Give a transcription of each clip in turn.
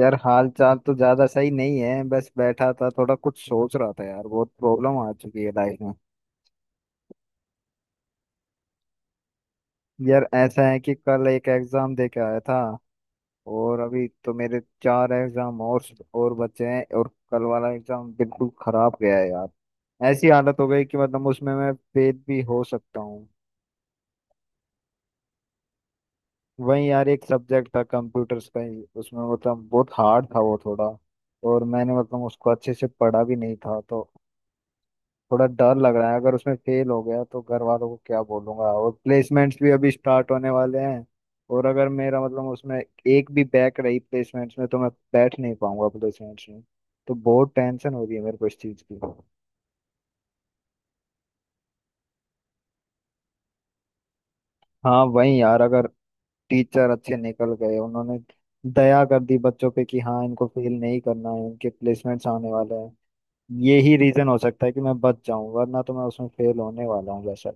यार, हाल चाल तो ज्यादा सही नहीं है। बस बैठा था, थोड़ा कुछ सोच रहा था। यार, बहुत प्रॉब्लम आ चुकी है लाइफ में। यार, ऐसा है कि कल एक एग्जाम दे के आया था, और अभी तो मेरे चार एग्जाम और बचे हैं। और कल वाला एग्जाम बिल्कुल खराब गया है यार। ऐसी हालत हो गई कि मतलब उसमें मैं फेल भी हो सकता हूँ। वहीं यार, एक सब्जेक्ट था कंप्यूटर्स का ही, उसमें मतलब बहुत हार्ड था वो थोड़ा। और मैंने मतलब उसको अच्छे से पढ़ा भी नहीं था, तो थोड़ा डर लग रहा है। अगर उसमें फेल हो गया तो घर वालों को क्या बोलूंगा, और प्लेसमेंट्स भी अभी स्टार्ट होने वाले हैं। और अगर मेरा मतलब उसमें एक भी बैक रही प्लेसमेंट्स में, तो मैं बैठ नहीं पाऊंगा प्लेसमेंट्स में। तो बहुत टेंशन हो रही है मेरे को इस चीज़ की। हाँ, वही यार, अगर टीचर अच्छे निकल गए, उन्होंने दया कर दी बच्चों पे कि हाँ इनको फेल नहीं करना है, इनके प्लेसमेंट्स आने वाले हैं। यही रीजन हो सकता है कि मैं बच जाऊं, वरना तो मैं उसमें फेल होने वाला हूँ जैसा।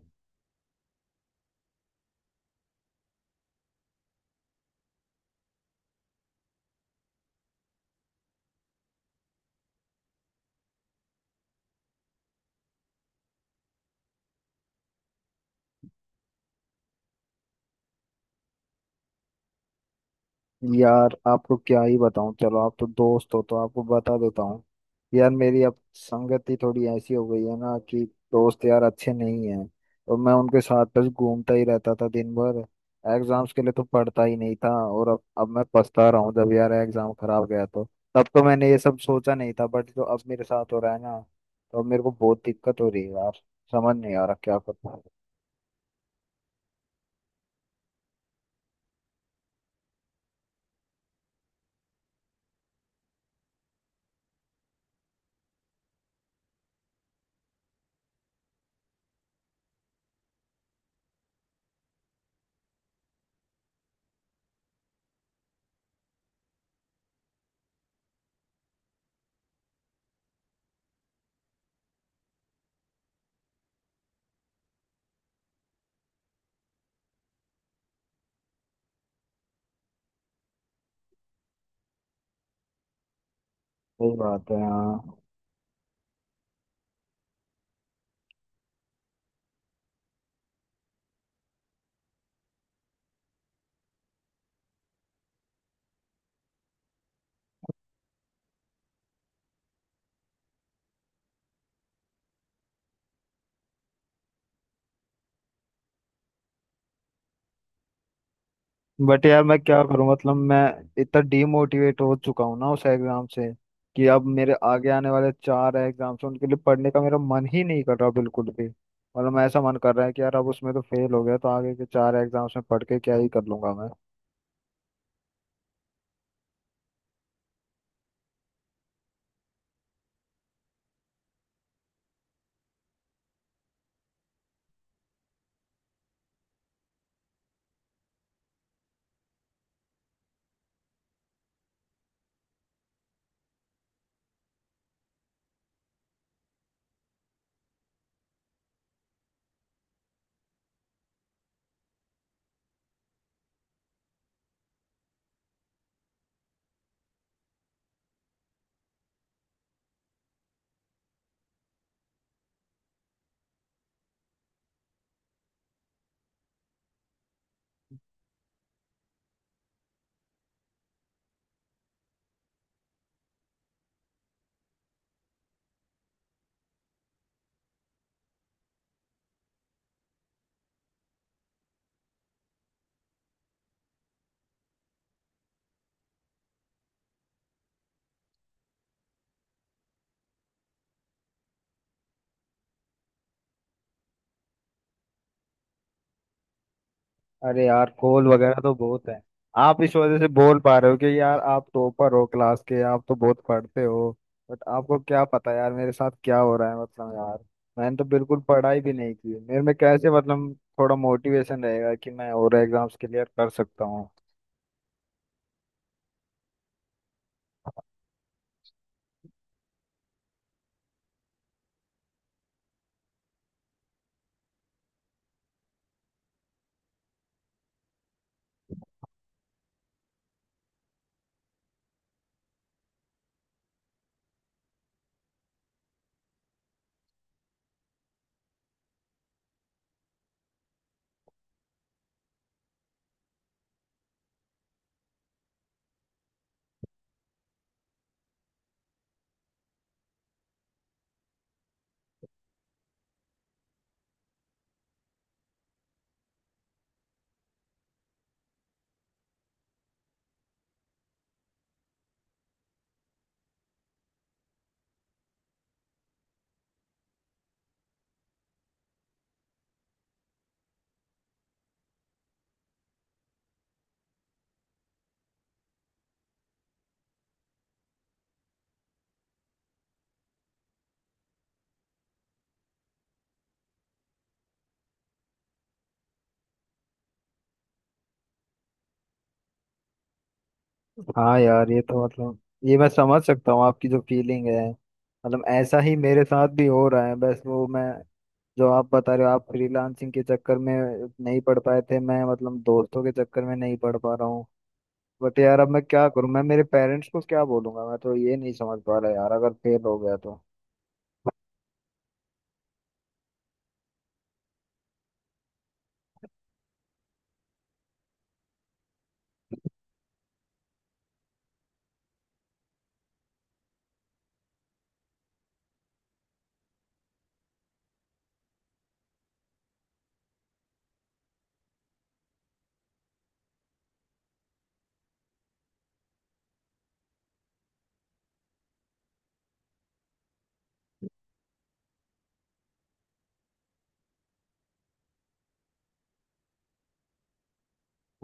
यार, आपको क्या ही बताऊं। चलो आप तो दोस्त हो तो आपको बता देता हूँ। यार, मेरी अब संगति थोड़ी ऐसी हो गई है ना कि दोस्त यार अच्छे नहीं हैं। और मैं उनके साथ बस घूमता ही रहता था दिन भर। एग्जाम्स के लिए तो पढ़ता ही नहीं था। और अब मैं पछता रहा हूँ, जब यार एग्जाम खराब गया तो। तब तो मैंने ये सब सोचा नहीं था, बट जो अब मेरे साथ हो रहा है ना, तो अब मेरे को बहुत दिक्कत हो रही है यार। समझ नहीं आ रहा क्या करूं। सही बात है, हाँ। बट यार, मैं क्या करूं मतलब। मैं इतना डीमोटिवेट हो चुका हूं ना उस एग्जाम से, कि अब मेरे आगे आने वाले चार एग्जाम्स हैं, उनके लिए पढ़ने का मेरा मन ही नहीं कर रहा बिल्कुल भी। मतलब ऐसा मन कर रहा है कि यार अब उसमें तो फेल हो गया, तो आगे के चार एग्जाम्स में पढ़ के क्या ही कर लूंगा मैं। अरे यार, कॉल वगैरह तो बहुत है। आप इस वजह से बोल पा रहे हो कि यार आप टॉपर हो क्लास के, आप तो बहुत पढ़ते हो। बट आपको क्या पता यार मेरे साथ क्या हो रहा है। मतलब यार, मैंने तो बिल्कुल पढ़ाई भी नहीं की, मेरे में कैसे मतलब थोड़ा मोटिवेशन रहेगा कि मैं और एग्जाम्स क्लियर कर सकता हूँ। हाँ यार, ये तो मतलब ये मैं समझ सकता हूँ आपकी जो फीलिंग है। मतलब ऐसा ही मेरे साथ भी हो रहा है। बस वो, मैं, जो आप बता रहे हो आप फ्रीलांसिंग के चक्कर में नहीं पढ़ पाए थे, मैं मतलब दोस्तों के चक्कर में नहीं पढ़ पा रहा हूँ। बट यार, अब मैं क्या करूँ। मैं मेरे पेरेंट्स को क्या बोलूंगा, मैं तो ये नहीं समझ पा रहा यार, अगर फेल हो गया तो।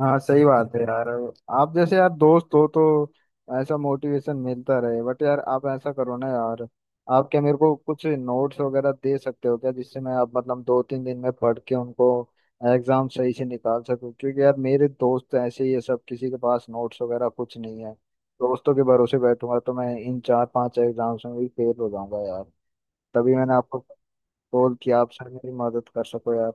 हाँ सही बात है यार। आप जैसे यार दोस्त हो तो ऐसा मोटिवेशन मिलता रहे। बट यार, आप ऐसा करो ना यार, आप क्या मेरे को कुछ नोट्स वगैरह दे सकते हो क्या, जिससे मैं अब मतलब 2-3 दिन में पढ़ के उनको एग्जाम सही से निकाल सकूं। क्योंकि यार मेरे दोस्त ऐसे ही है सब, किसी के पास नोट्स वगैरह कुछ नहीं है। दोस्तों के भरोसे बैठूंगा तो मैं इन 4-5 एग्जाम्स में भी फेल हो जाऊंगा यार। तभी मैंने आपको कॉल किया, आप सर मेरी मदद कर सको यार।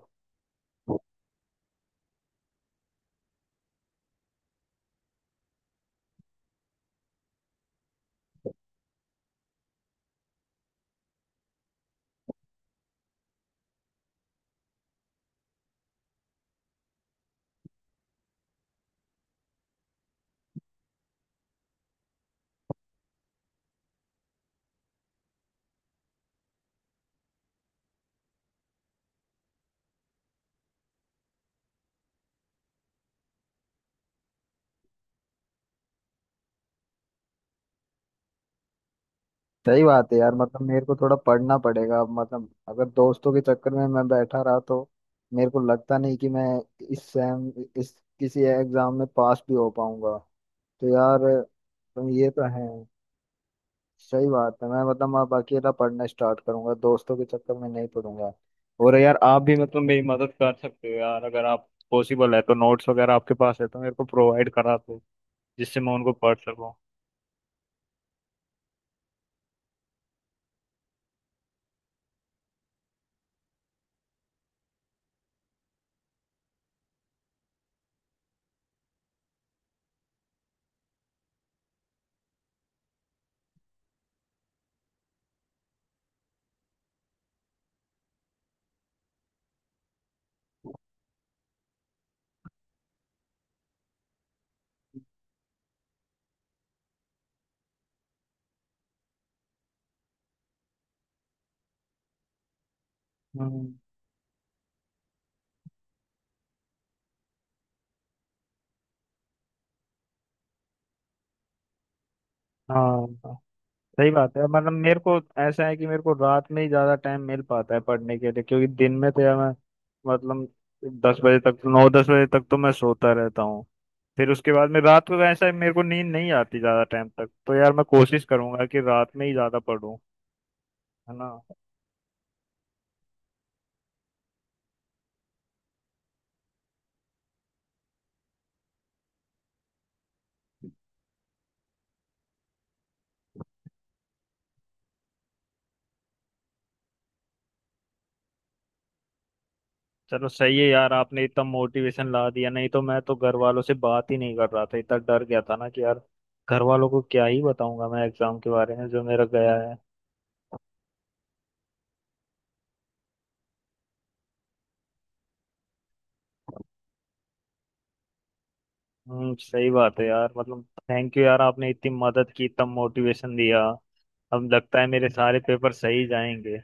सही बात है यार मतलब। मेरे को थोड़ा पढ़ना पड़ेगा मतलब। अगर दोस्तों के चक्कर में मैं बैठा रहा तो मेरे को लगता नहीं कि मैं इस सेम इस किसी एग्जाम में पास भी हो पाऊंगा, तो यार तुम, ये तो है। सही बात है। मैं मतलब अब अकेला पढ़ना स्टार्ट करूंगा, दोस्तों के चक्कर में नहीं पढ़ूंगा। और यार आप भी मतलब मेरी मदद कर सकते हो यार, अगर आप पॉसिबल है तो। नोट्स वगैरह आपके पास है तो मेरे को प्रोवाइड करा दो, जिससे मैं उनको पढ़ सकूँ। हम्म, हाँ सही बात है। मतलब मेरे को ऐसा है कि मेरे को रात में ही ज्यादा टाइम मिल पाता है पढ़ने के लिए, क्योंकि दिन में तो यार मैं मतलब 10 बजे तक, 9-10 बजे तक तो मैं सोता रहता हूँ। फिर उसके बाद में रात को ऐसा है मेरे को नींद नहीं आती ज्यादा टाइम तक, तो यार मैं कोशिश करूंगा कि रात में ही ज्यादा पढूं, है ना। चलो सही है यार, आपने इतना मोटिवेशन ला दिया। नहीं तो मैं तो घर वालों से बात ही नहीं कर रहा था, इतना डर गया था ना कि यार घर वालों को क्या ही बताऊंगा मैं एग्जाम के बारे में जो मेरा गया है। हम्म, सही बात है यार मतलब। थैंक यू यार, आपने इतनी मदद की, इतना मोटिवेशन दिया। अब लगता है मेरे सारे पेपर सही जाएंगे।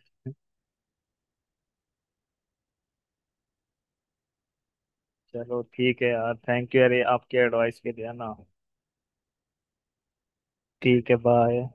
चलो ठीक है यार, थैंक यू यार ये आपके एडवाइस के लिए ना। ठीक है बाय।